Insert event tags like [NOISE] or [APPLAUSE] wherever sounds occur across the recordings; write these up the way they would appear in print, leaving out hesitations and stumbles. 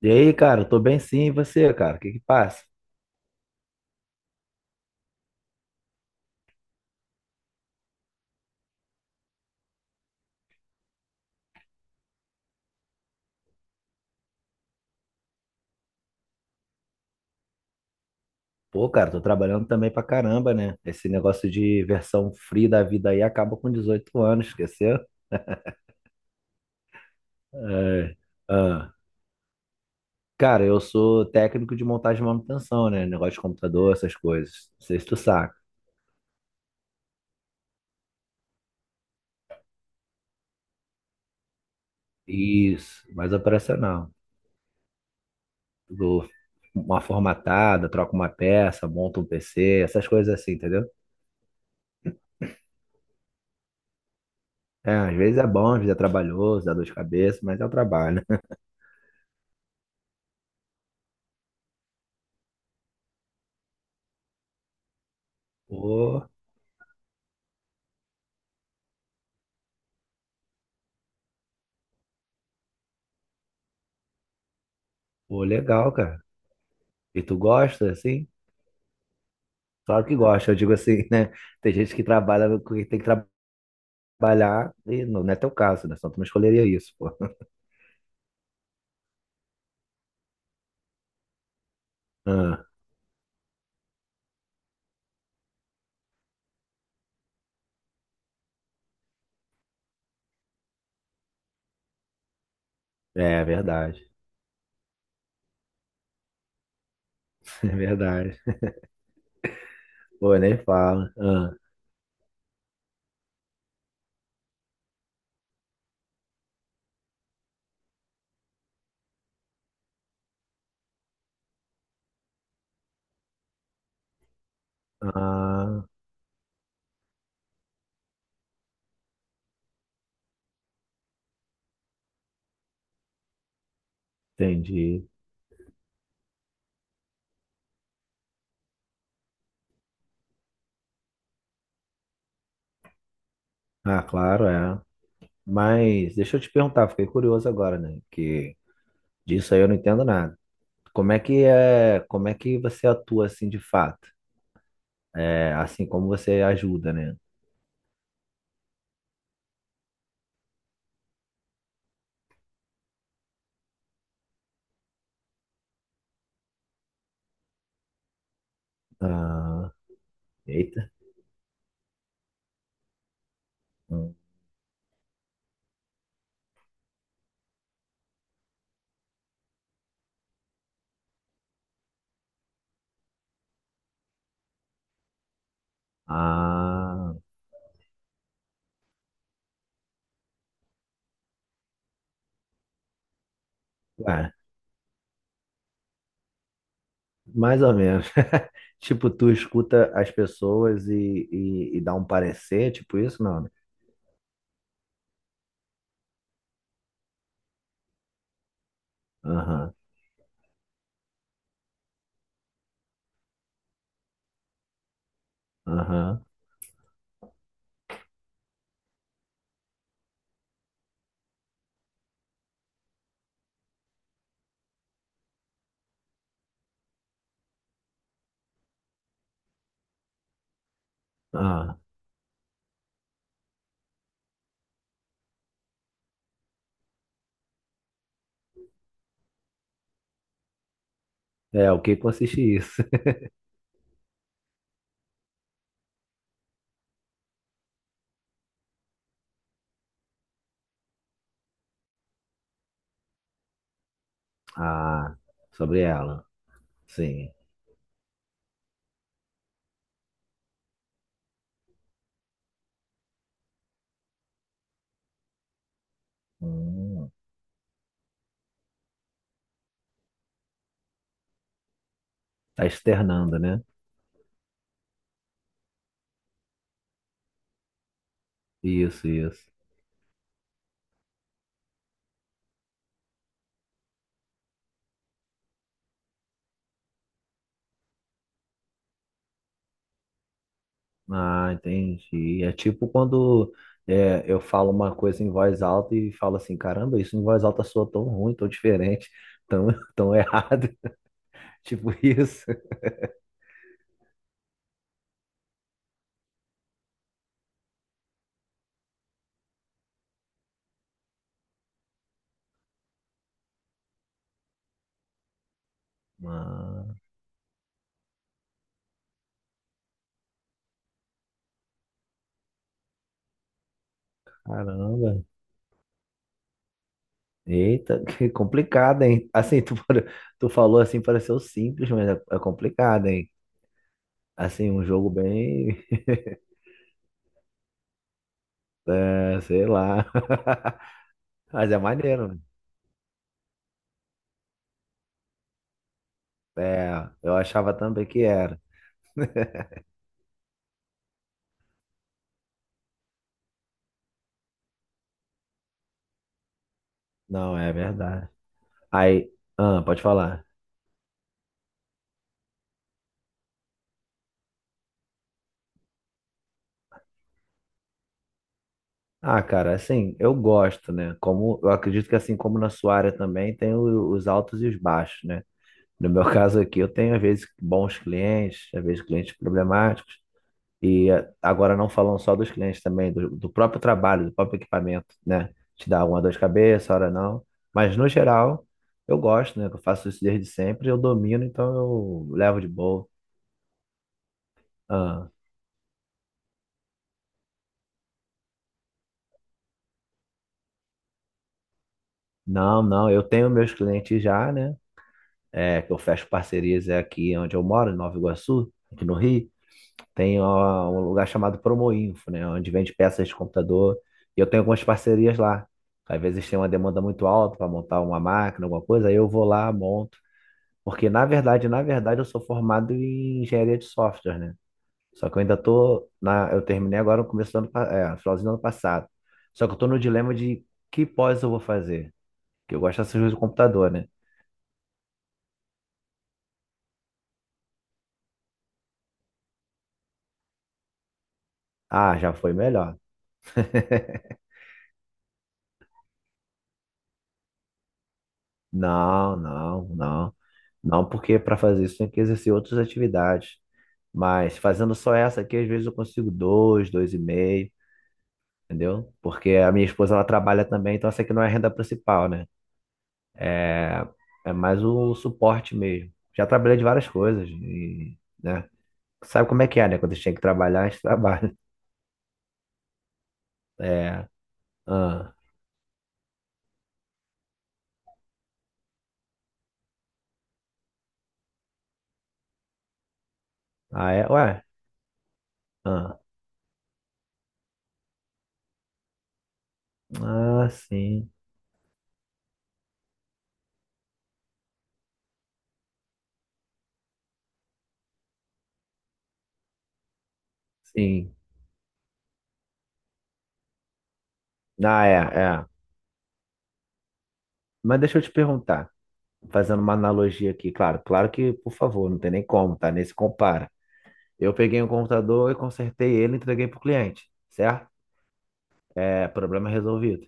E aí, cara, tô bem sim, e você, cara? O que que passa? Pô, cara, tô trabalhando também pra caramba, né? Esse negócio de versão free da vida aí acaba com 18 anos, esqueceu? É. Ah. Cara, eu sou técnico de montagem e manutenção, né? Negócio de computador, essas coisas. Não sei se tu saca. Isso, mais operacional. Dou uma formatada, troco uma peça, monto um PC, essas coisas assim, entendeu? É, às vezes é bom, às vezes é trabalhoso, dá dor de cabeça, mas é o trabalho, né? [LAUGHS] Pô, pô, legal, cara. E tu gosta, assim? Claro que gosta, eu digo assim, [LAUGHS] né? Tem gente que trabalha no que tem que trabalhar, e não é teu caso, né? Só tu não escolheria isso, pô. [LAUGHS] Ah, é verdade, [LAUGHS] é verdade. Pô, eu nem falo. Ah, ah, entendi. Ah, claro, é. Mas deixa eu te perguntar, fiquei curioso agora, né? Que disso aí eu não entendo nada. Como é que é, como é que você atua assim de fato? É, assim como você ajuda, né? Ah, eita. Ah, ué. Mais ou menos. [LAUGHS] Tipo, tu escuta as pessoas e dá um parecer, tipo isso? Não, né? Aham, aham, aham. É, o que consiste isso? [LAUGHS] Ah, sobre ela. Sim. Hum, tá externando, né? Isso, isso. Ah, entendi. É tipo quando eu falo uma coisa em voz alta e falo assim, caramba, isso em voz alta soa tão ruim, tão diferente, tão, [LAUGHS] tão errado. [LAUGHS] Tipo isso. Ah, caramba. Eita, [LAUGHS] que complicado, hein? Assim, tu, tu falou assim, pareceu simples, mas é, é complicado, hein? Assim, um jogo bem. [LAUGHS] É, sei lá. [LAUGHS] Mas é maneiro, né? É, eu achava também que era. Não, é verdade. Aí, ah, pode falar. Ah, cara, assim, eu gosto, né? Como eu acredito que assim como na sua área também tem os altos e os baixos, né? No meu [LAUGHS] caso aqui, eu tenho às vezes bons clientes, às vezes clientes problemáticos. E agora não falando só dos clientes também, do próprio trabalho, do próprio equipamento, né? Te dá uma dor de cabeça, hora não. Mas no geral, eu gosto, né? que Eu faço isso desde sempre, eu domino, então eu levo de boa. Ah, não, eu tenho meus clientes já, né? É, que eu fecho parcerias é aqui onde eu moro, em Nova Iguaçu, aqui no Rio. Tem ó, um lugar chamado Promoinfo, né? Onde vende peças de computador. E eu tenho algumas parcerias lá. Às vezes tem uma demanda muito alta para montar uma máquina, alguma coisa, aí eu vou lá, monto. Porque, na verdade, eu sou formado em engenharia de software, né? Só que eu ainda tô na... Eu terminei agora no começo do ano... É, no finalzinho do ano passado. Só que eu tô no dilema de que pós eu vou fazer. Que eu gosto dessas coisas do computador, né? Ah, já foi melhor. [LAUGHS] Não. Não, porque para fazer isso tem que exercer outras atividades. Mas fazendo só essa aqui, às vezes eu consigo dois, dois e meio, entendeu? Porque a minha esposa, ela trabalha também, então essa aqui não é a renda principal, né? É, é mais o suporte mesmo. Já trabalhei de várias coisas, e, né? Sabe como é que é, né? Quando a gente tem que trabalhar, a gente trabalha. [LAUGHS] É, ah, ah, é, ué, ah, ah, sim, sim. Ah, é, é. Mas deixa eu te perguntar, fazendo uma analogia aqui, claro, claro que, por favor, não tem nem como, tá? Nem se compara. Eu peguei um computador e consertei ele e entreguei pro cliente, certo? É, problema resolvido.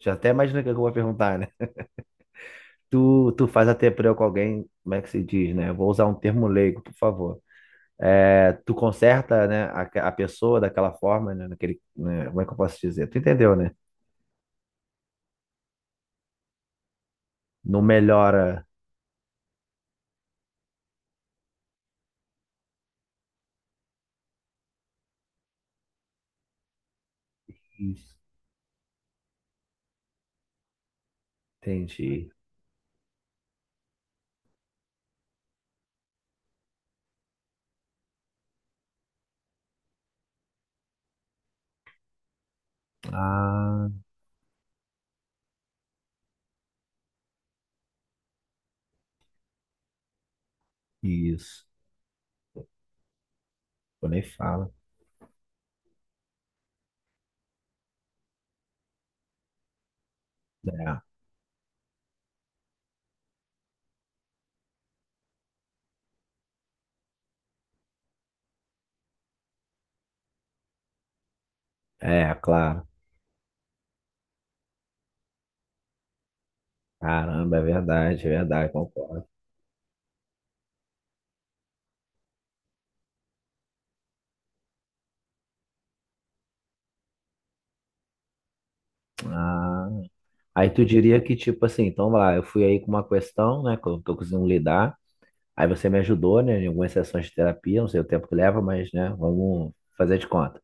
Já até imaginei o que eu vou perguntar, né? Tu faz até preu com alguém, como é que se diz, né? Eu vou usar um termo leigo, por favor. É, tu conserta, né, a pessoa daquela forma, né, naquele, né, como é que eu posso dizer? Tu entendeu, né? Não melhora. Isso. Entendi. Ah, isso. Eu nem falo. É, é, claro. Caramba, é verdade, concordo. Ah, aí tu diria que, tipo assim, então vai lá, eu fui aí com uma questão, né, que eu tô conseguindo lidar. Aí você me ajudou, né, em algumas sessões de terapia, não sei o tempo que leva, mas, né, vamos fazer de conta.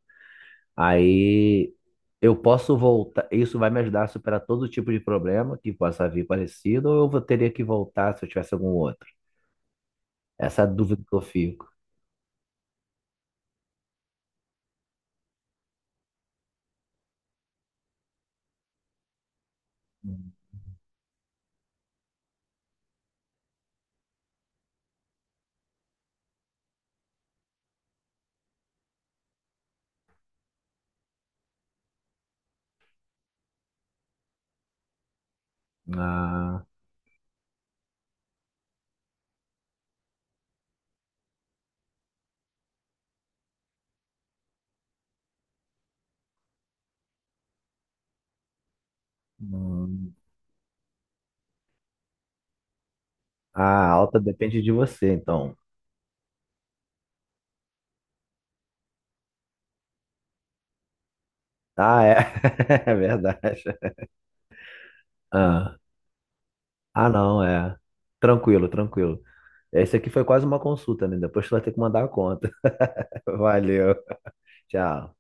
Aí eu posso voltar, isso vai me ajudar a superar todo tipo de problema que possa vir parecido, ou teria que voltar se eu tivesse algum outro? Essa é a dúvida que eu fico. Ah, hum. Ah, a alta depende de você, então. Ah, é, [LAUGHS] é verdade. Ah, ah, não, é. Tranquilo, tranquilo. Esse aqui foi quase uma consulta, né? Depois tu vai ter que mandar a conta. [LAUGHS] Valeu, tchau.